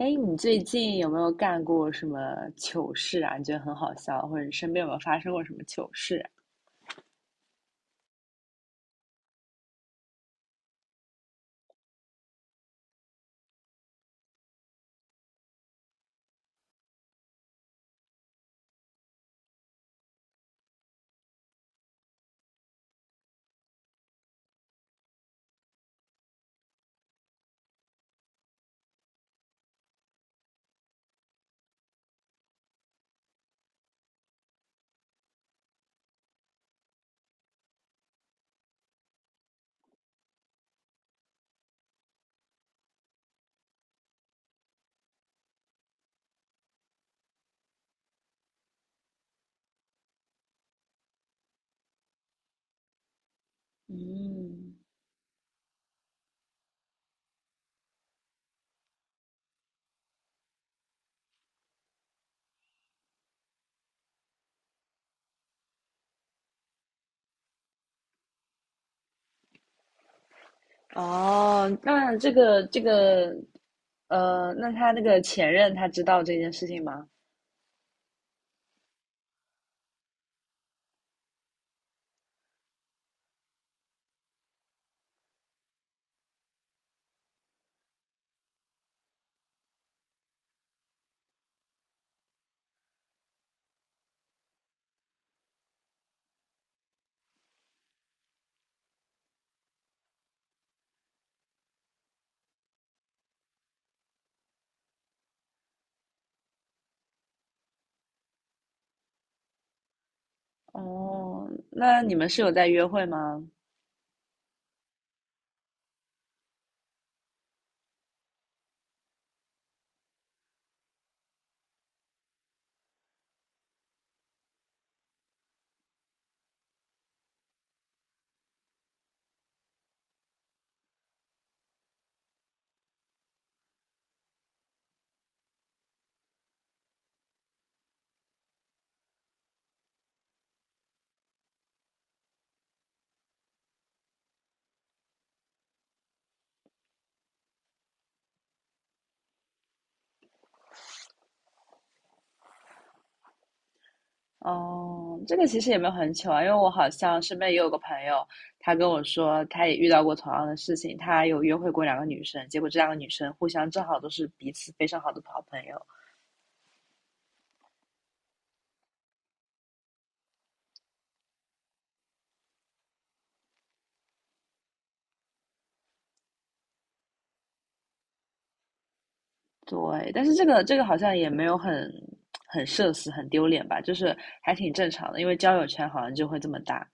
哎，你最近有没有干过什么糗事啊？你觉得很好笑，或者你身边有没有发生过什么糗事啊？嗯。哦，那那他那个前任他知道这件事情吗？哦，那你们是有在约会吗？哦，这个其实也没有很糗啊，因为我好像身边也有个朋友，他跟我说他也遇到过同样的事情，他有约会过两个女生，结果这两个女生互相正好都是彼此非常好的好朋友。对，但是这个这个好像也没有很很社死、很丢脸吧，就是还挺正常的，因为交友圈好像就会这么大。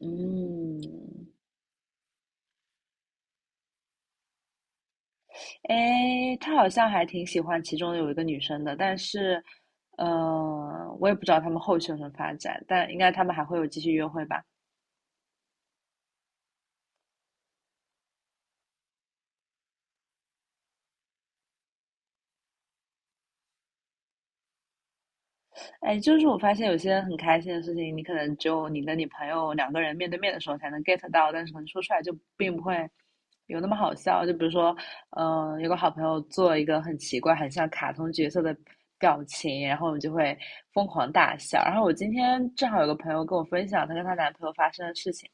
嗯。哎，他好像还挺喜欢其中有一个女生的，但是，我也不知道他们后续有什么发展，但应该他们还会有继续约会吧。哎，就是我发现有些很开心的事情，你可能只有你跟你朋友两个人面对面的时候才能 get 到，但是可能说出来就并不会有那么好笑。就比如说，有个好朋友做一个很奇怪、很像卡通角色的表情，然后我们就会疯狂大笑。然后我今天正好有个朋友跟我分享她跟她男朋友发生的事情，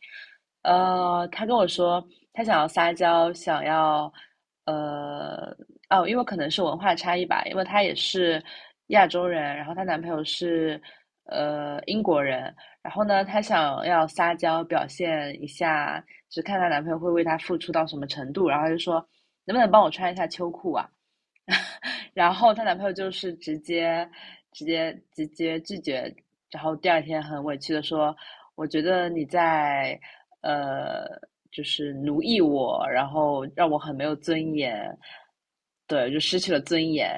她跟我说她想要撒娇，想要呃，哦，因为可能是文化差异吧，因为她也是亚洲人，然后她男朋友是英国人。然后呢，她想要撒娇表现一下，就是看她男朋友会为她付出到什么程度，然后她就说能不能帮我穿一下秋裤啊？然后她男朋友就是直接拒绝，然后第二天很委屈的说：“我觉得你在呃，就是奴役我，然后让我很没有尊严。”对，就失去了尊严。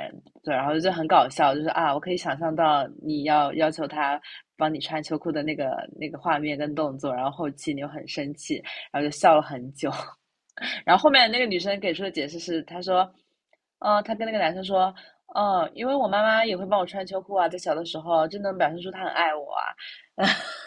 对，然后就很搞笑，就是啊，我可以想象到你要求他帮你穿秋裤的那个画面跟动作，然后后期你又很生气，然后就笑了很久。然后后面那个女生给出的解释是，她说，她跟那个男生说，嗯，因为我妈妈也会帮我穿秋裤啊，在小的时候，真能表现出她很爱我啊。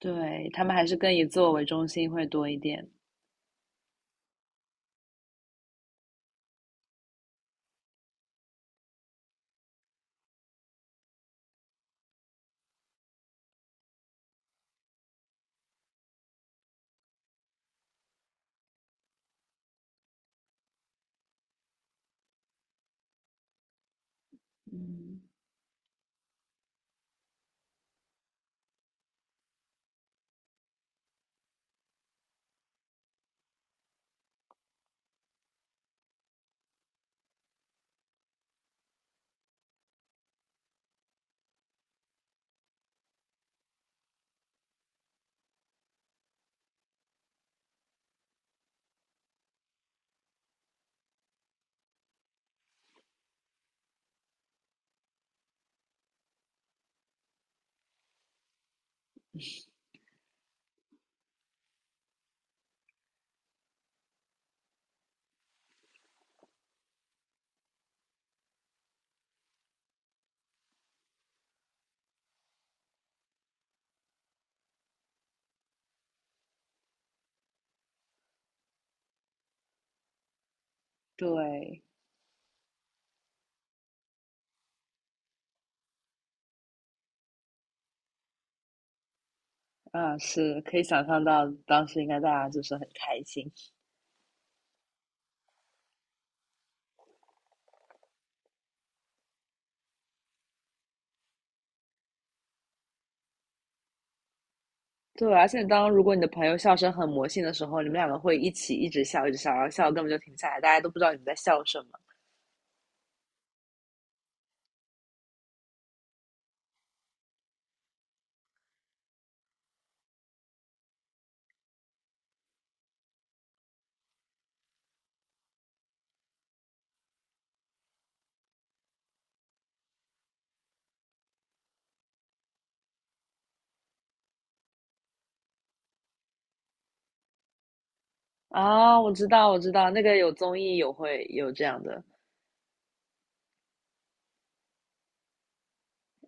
对，他们还是更以自我为中心会多一点。嗯。对。啊，是可以想象到当时应该大家就是很开心。对，而且当如果你的朋友笑声很魔性的时候，你们两个会一起一直笑，一直笑，然后笑根本就停不下来，大家都不知道你们在笑什么。啊，我知道，我知道，那个有综艺有会有这样的。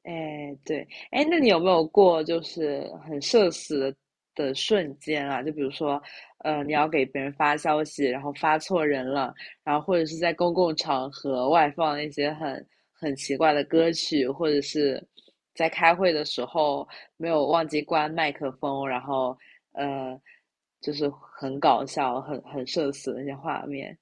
哎，对。哎，那你有没有过就是很社死的的瞬间啊？就比如说，你要给别人发消息，然后发错人了，然后或者是在公共场合外放一些很很奇怪的歌曲，或者是在开会的时候没有忘记关麦克风，然后呃，就是很搞笑、很很社死的那些画面。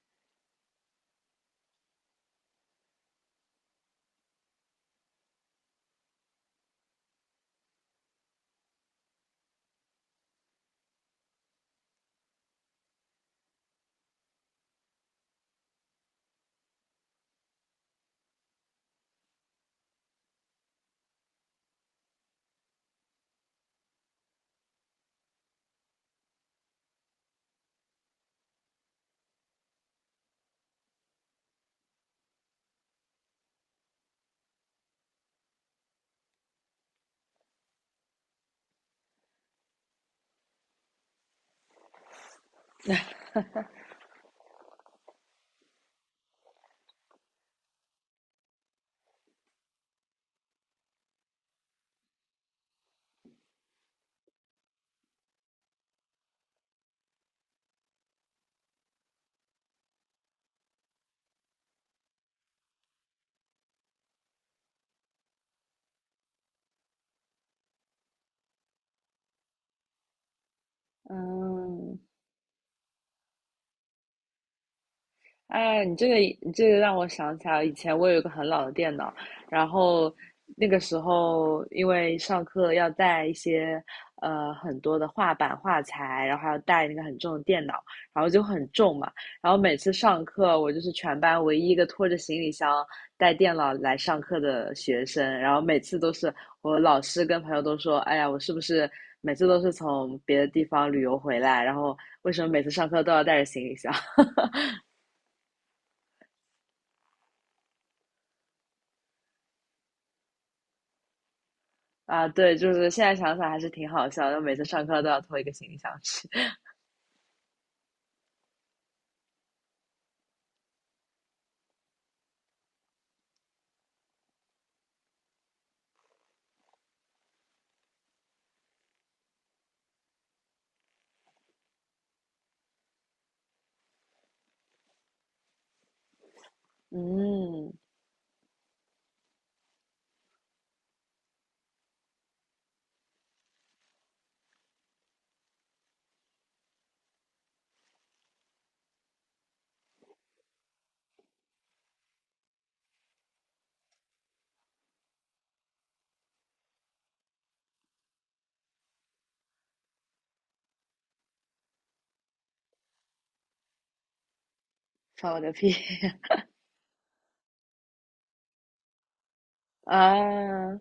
嗯。哎，你这个让我想起来，以前我有一个很老的电脑，然后那个时候因为上课要带一些很多的画板画材，然后还要带那个很重的电脑，然后就很重嘛。然后每次上课，我就是全班唯一一个拖着行李箱带电脑来上课的学生，然后每次都是我老师跟朋友都说，哎呀，我是不是每次都是从别的地方旅游回来，然后为什么每次上课都要带着行李箱？啊，对，就是现在想想还是挺好笑的，每次上课都要拖一个行李箱去。嗯，放我个屁。 啊。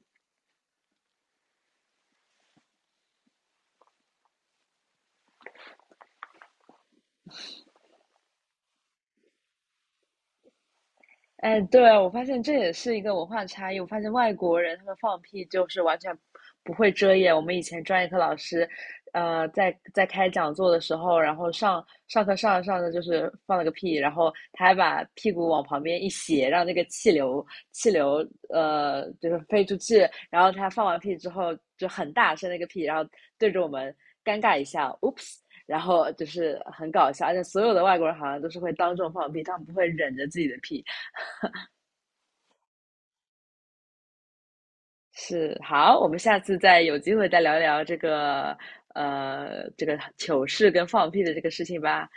哎，对啊，我发现这也是一个文化差异。我发现外国人他们放屁就是完全不会遮掩。我们以前专业课老师，在开讲座的时候，然后上课上着上着就是放了个屁，然后他还把屁股往旁边一斜，让那个气流就是飞出去。然后他放完屁之后就很大声的一个屁，然后对着我们尴尬一下，oops。然后就是很搞笑，而且所有的外国人好像都是会当众放屁，他们不会忍着自己的屁。是，好，我们下次再有机会再聊聊这个，这个糗事跟放屁的这个事情吧。